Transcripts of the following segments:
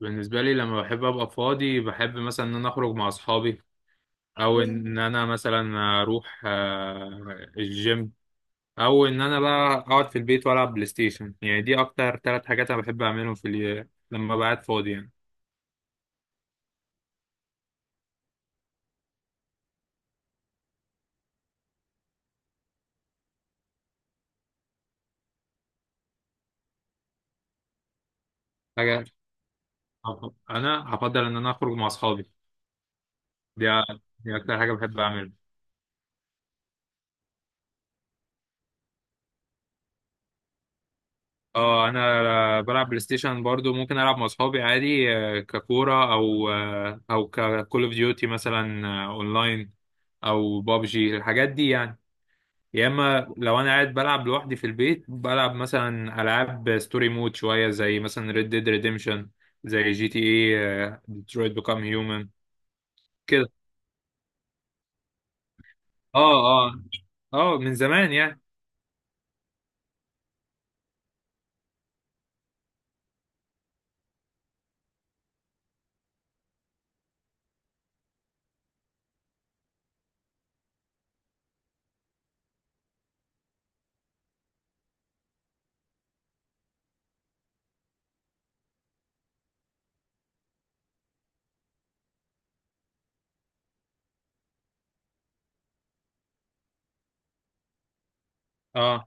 بالنسبة لي لما بحب أبقى فاضي، بحب مثلا إن أنا أخرج مع أصحابي، أو إن أنا مثلا أروح الجيم، أو إن أنا بقى أقعد في البيت وألعب بلاي ستيشن. يعني دي أكتر تلات حاجات أنا بحب أعملهم لما بقعد فاضي يعني. حاجة. أنا هفضل إن أنا أخرج مع أصحابي. دي دي أكتر حاجة بحب أعملها. أه، أنا بلعب بلاي ستيشن برضو. ممكن ألعب مع أصحابي عادي، ككورة أو ككول أوف ديوتي مثلا، أونلاين، أو بابجي الحاجات دي يعني. يا اما لو انا قاعد بلعب لوحدي في البيت، بلعب مثلا العاب ستوري مود شويه، زي مثلا ريد ديد ريديمشن، زي جي تي اي، ديترويت بيكام هيومن كده. اه، اه. اه من زمان يعني. اه،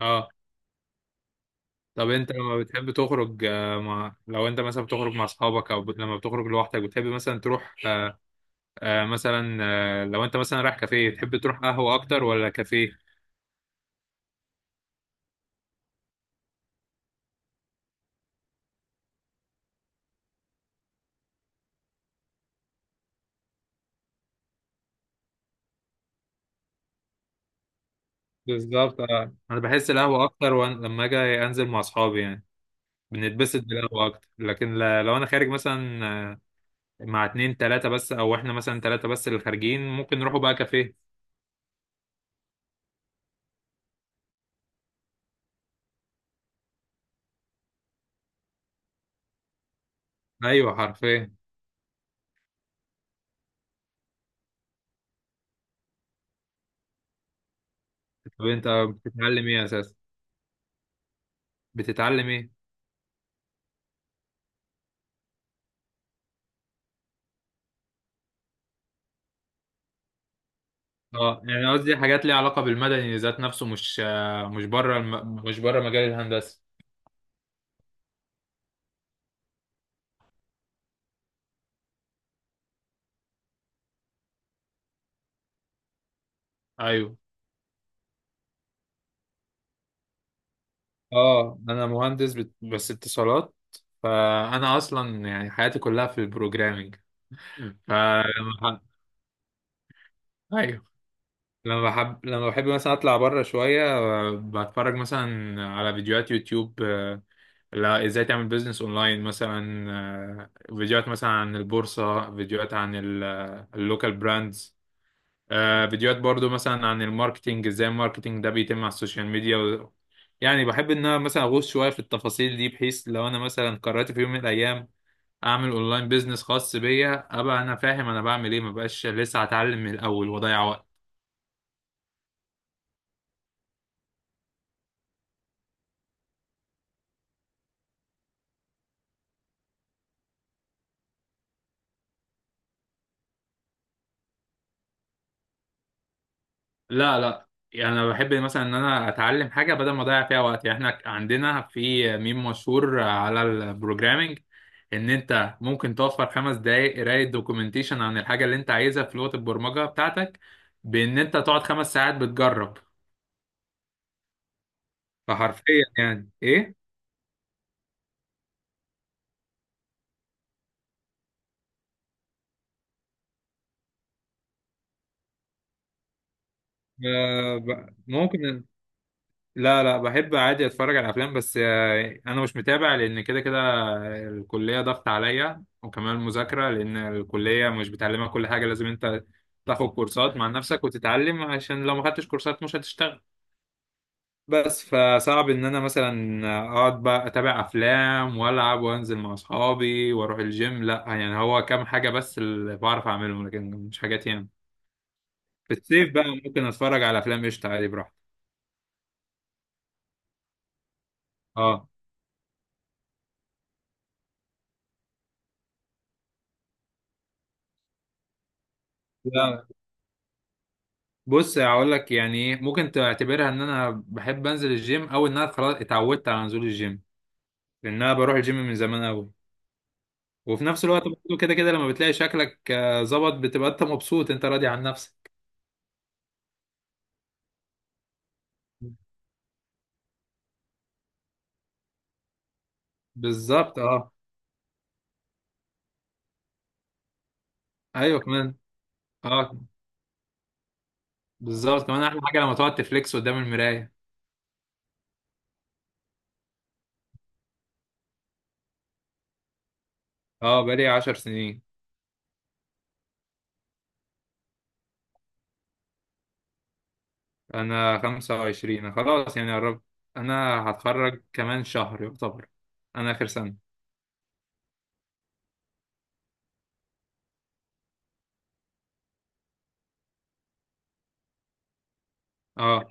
اه. طب انت لما بتحب تخرج، مع، لو انت مثلا بتخرج مع اصحابك او لما بتخرج لوحدك، بتحب مثلا تروح، مثلا، لو انت مثلا رايح كافيه، تحب تروح قهوه اكتر ولا كافيه؟ بالظبط. انا بحس القهوه اكتر، لما اجي انزل مع اصحابي يعني بنتبسط بالقهوة أكتر. لكن لو أنا خارج مثلا، آه، مع اتنين تلاتة بس، أو إحنا مثلا تلاتة بس اللي خارجين، ممكن نروحوا بقى كافيه. أيوه حرفيا. طب أنت بتتعلم إيه أساسا؟ بتتعلم إيه؟ أه، يعني قصدي حاجات ليها علاقة بالمدني ذات نفسه، مش مش مش بره مجال الهندسة. أيوه. أه، أنا مهندس بس اتصالات. فأنا أصلا يعني حياتي كلها في البروجرامينج. ف أيوه. لما بحب مثلا اطلع بره شويه، بتفرج مثلا على فيديوهات يوتيوب، لا، ازاي تعمل بيزنس اونلاين مثلا، فيديوهات مثلا عن البورصه، فيديوهات عن اللوكال براندز، فيديوهات برضو مثلا عن الماركتينج، ازاي الماركتينج ده بيتم على السوشيال ميديا يعني بحب ان انا مثلا اغوص شويه في التفاصيل دي، بحيث لو انا مثلا قررت في يوم من الايام اعمل اونلاين بيزنس خاص بيا، ابقى انا فاهم انا بعمل ايه، مبقاش لسه هتعلم من الاول واضيع وقت. لا، لا، يعني انا بحب مثلا ان انا اتعلم حاجه بدل ما اضيع فيها وقت. يعني احنا عندنا في ميم مشهور على البروجرامينج، ان انت ممكن توفر 5 دقائق قرايه دوكيومنتيشن عن الحاجه اللي انت عايزها في لغه البرمجه بتاعتك، بان انت تقعد 5 ساعات بتجرب. فحرفيا يعني ايه. ممكن. لا، لا، بحب عادي اتفرج على افلام، بس انا مش متابع لان كده كده الكليه ضغط عليا وكمان مذاكره، لان الكليه مش بتعلمك كل حاجه، لازم انت تاخد كورسات مع نفسك وتتعلم، عشان لو ما خدتش كورسات مش هتشتغل. بس فصعب ان انا مثلا اقعد بقى اتابع افلام والعب وانزل مع اصحابي واروح الجيم، لا يعني هو كام حاجه بس اللي بعرف اعملهم لكن مش حاجات يعني. في الصيف بقى ممكن اتفرج على افلام قشطه عادي براحتي. اه، لا، بص هقول لك يعني ايه، ممكن تعتبرها ان انا بحب انزل الجيم او ان انا خلاص اتعودت على نزول الجيم. لان انا بروح الجيم من زمان قوي. وفي نفس الوقت برضه كده كده لما بتلاقي شكلك ظبط بتبقى انت مبسوط انت راضي عن نفسك. بالظبط. اه، ايوه كمان. اه، بالظبط كمان. احلى حاجه لما تقعد تفليكس قدام المرايه. اه، بقالي 10 سنين. انا 25 خلاص يعني قربت. انا هتخرج كمان شهر يعتبر. انا اخر سنه. اه،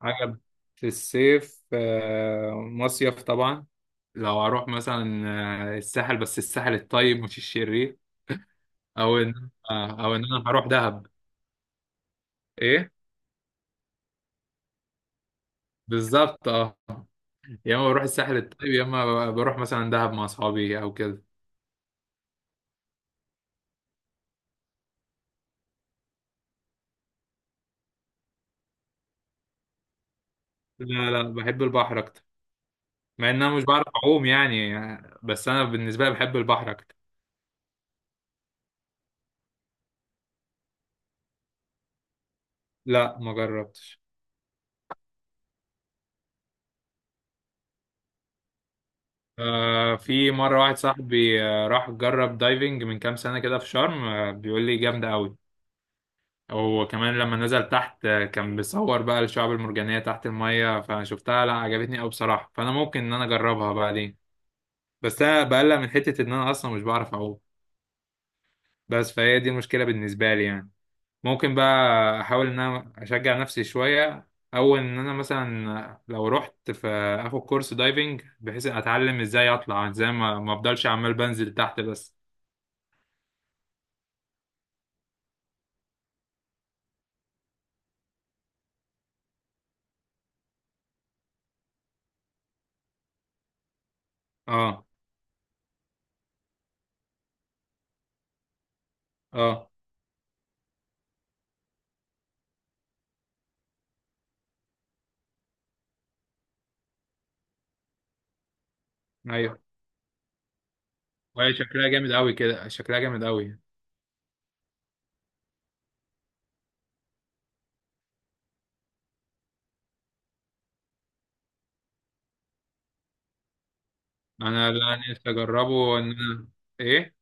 حاجة. في الصيف مصيف طبعا. لو هروح مثلا، الساحل، بس الساحل الطيب مش الشرير، او ان انا هروح دهب. ايه بالظبط. اه، يا اما بروح الساحل الطيب، يا اما بروح مثلا دهب مع اصحابي او كده. لا، لا، بحب البحر اكتر. مع ان انا مش بعرف اعوم يعني، بس انا بالنسبه لي بحب البحر اكتر. لا، ما جربتش. في مره واحد صاحبي، راح جرب دايفنج من كام سنه كده في شرم، بيقول لي جامده قوي، وكمان لما نزل تحت كان بيصور بقى الشعب المرجانية تحت المية، فشفتها لا عجبتني أوي بصراحة، فأنا ممكن إن أنا أجربها بعدين. بس أنا بقلق من حتة إن أنا أصلا مش بعرف أعوم. بس فهي دي المشكلة بالنسبة لي يعني. ممكن بقى أحاول إن أنا أشجع نفسي شوية، أو إن أنا مثلا لو رحت في، آخد كورس دايفنج بحيث أتعلم إزاي أطلع إزاي ما أفضلش عمال بنزل تحت بس. أه، أه. أيوه. وهي شكلها جامد أوي كده، شكلها جامد أوي. انا لا، أنا نفسي اجربه ان انا. ايه،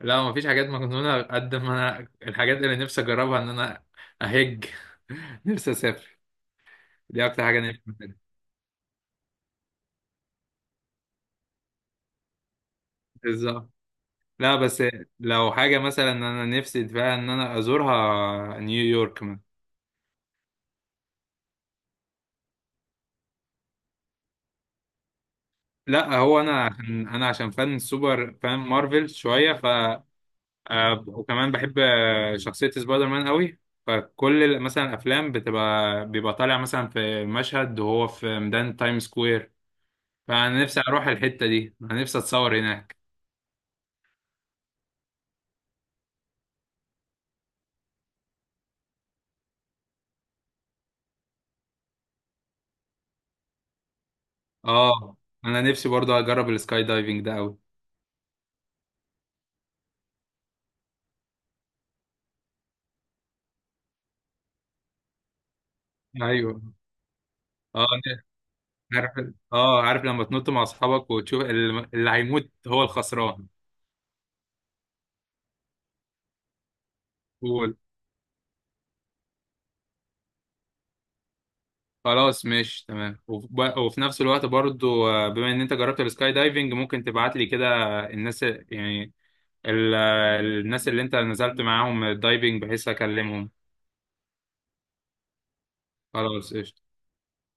لا، ما فيش حاجات مجنونه. قد ما انا الحاجات اللي نفسي اجربها ان انا اهج نفسي اسافر. دي اكتر حاجه نفسي أعملها. بالظبط. لا بس لو حاجه مثلا انا نفسي فيها ان انا ازورها، نيويورك مثلا. لا هو انا عشان فان سوبر فان مارفل شويه، وكمان بحب شخصيه سبايدر مان قوي. فكل مثلا الافلام بيبقى طالع مثلا في مشهد وهو في ميدان تايم سكوير، فانا نفسي اروح الحتة دي، انا نفسي اتصور هناك. اه، انا نفسي برضه اجرب السكاي دايفنج ده قوي. ايوه. اه ن- عارف. اه، عارف لما تنط مع اصحابك وتشوف اللي هيموت هو الخسران. قول. خلاص ماشي تمام. وفي نفس الوقت برضو بما ان انت جربت السكاي دايفنج، ممكن تبعت لي كده الناس يعني ال- الناس اللي انت نزلت معاهم الدايفنج، بحيث اكلمهم. خلاص قشطة.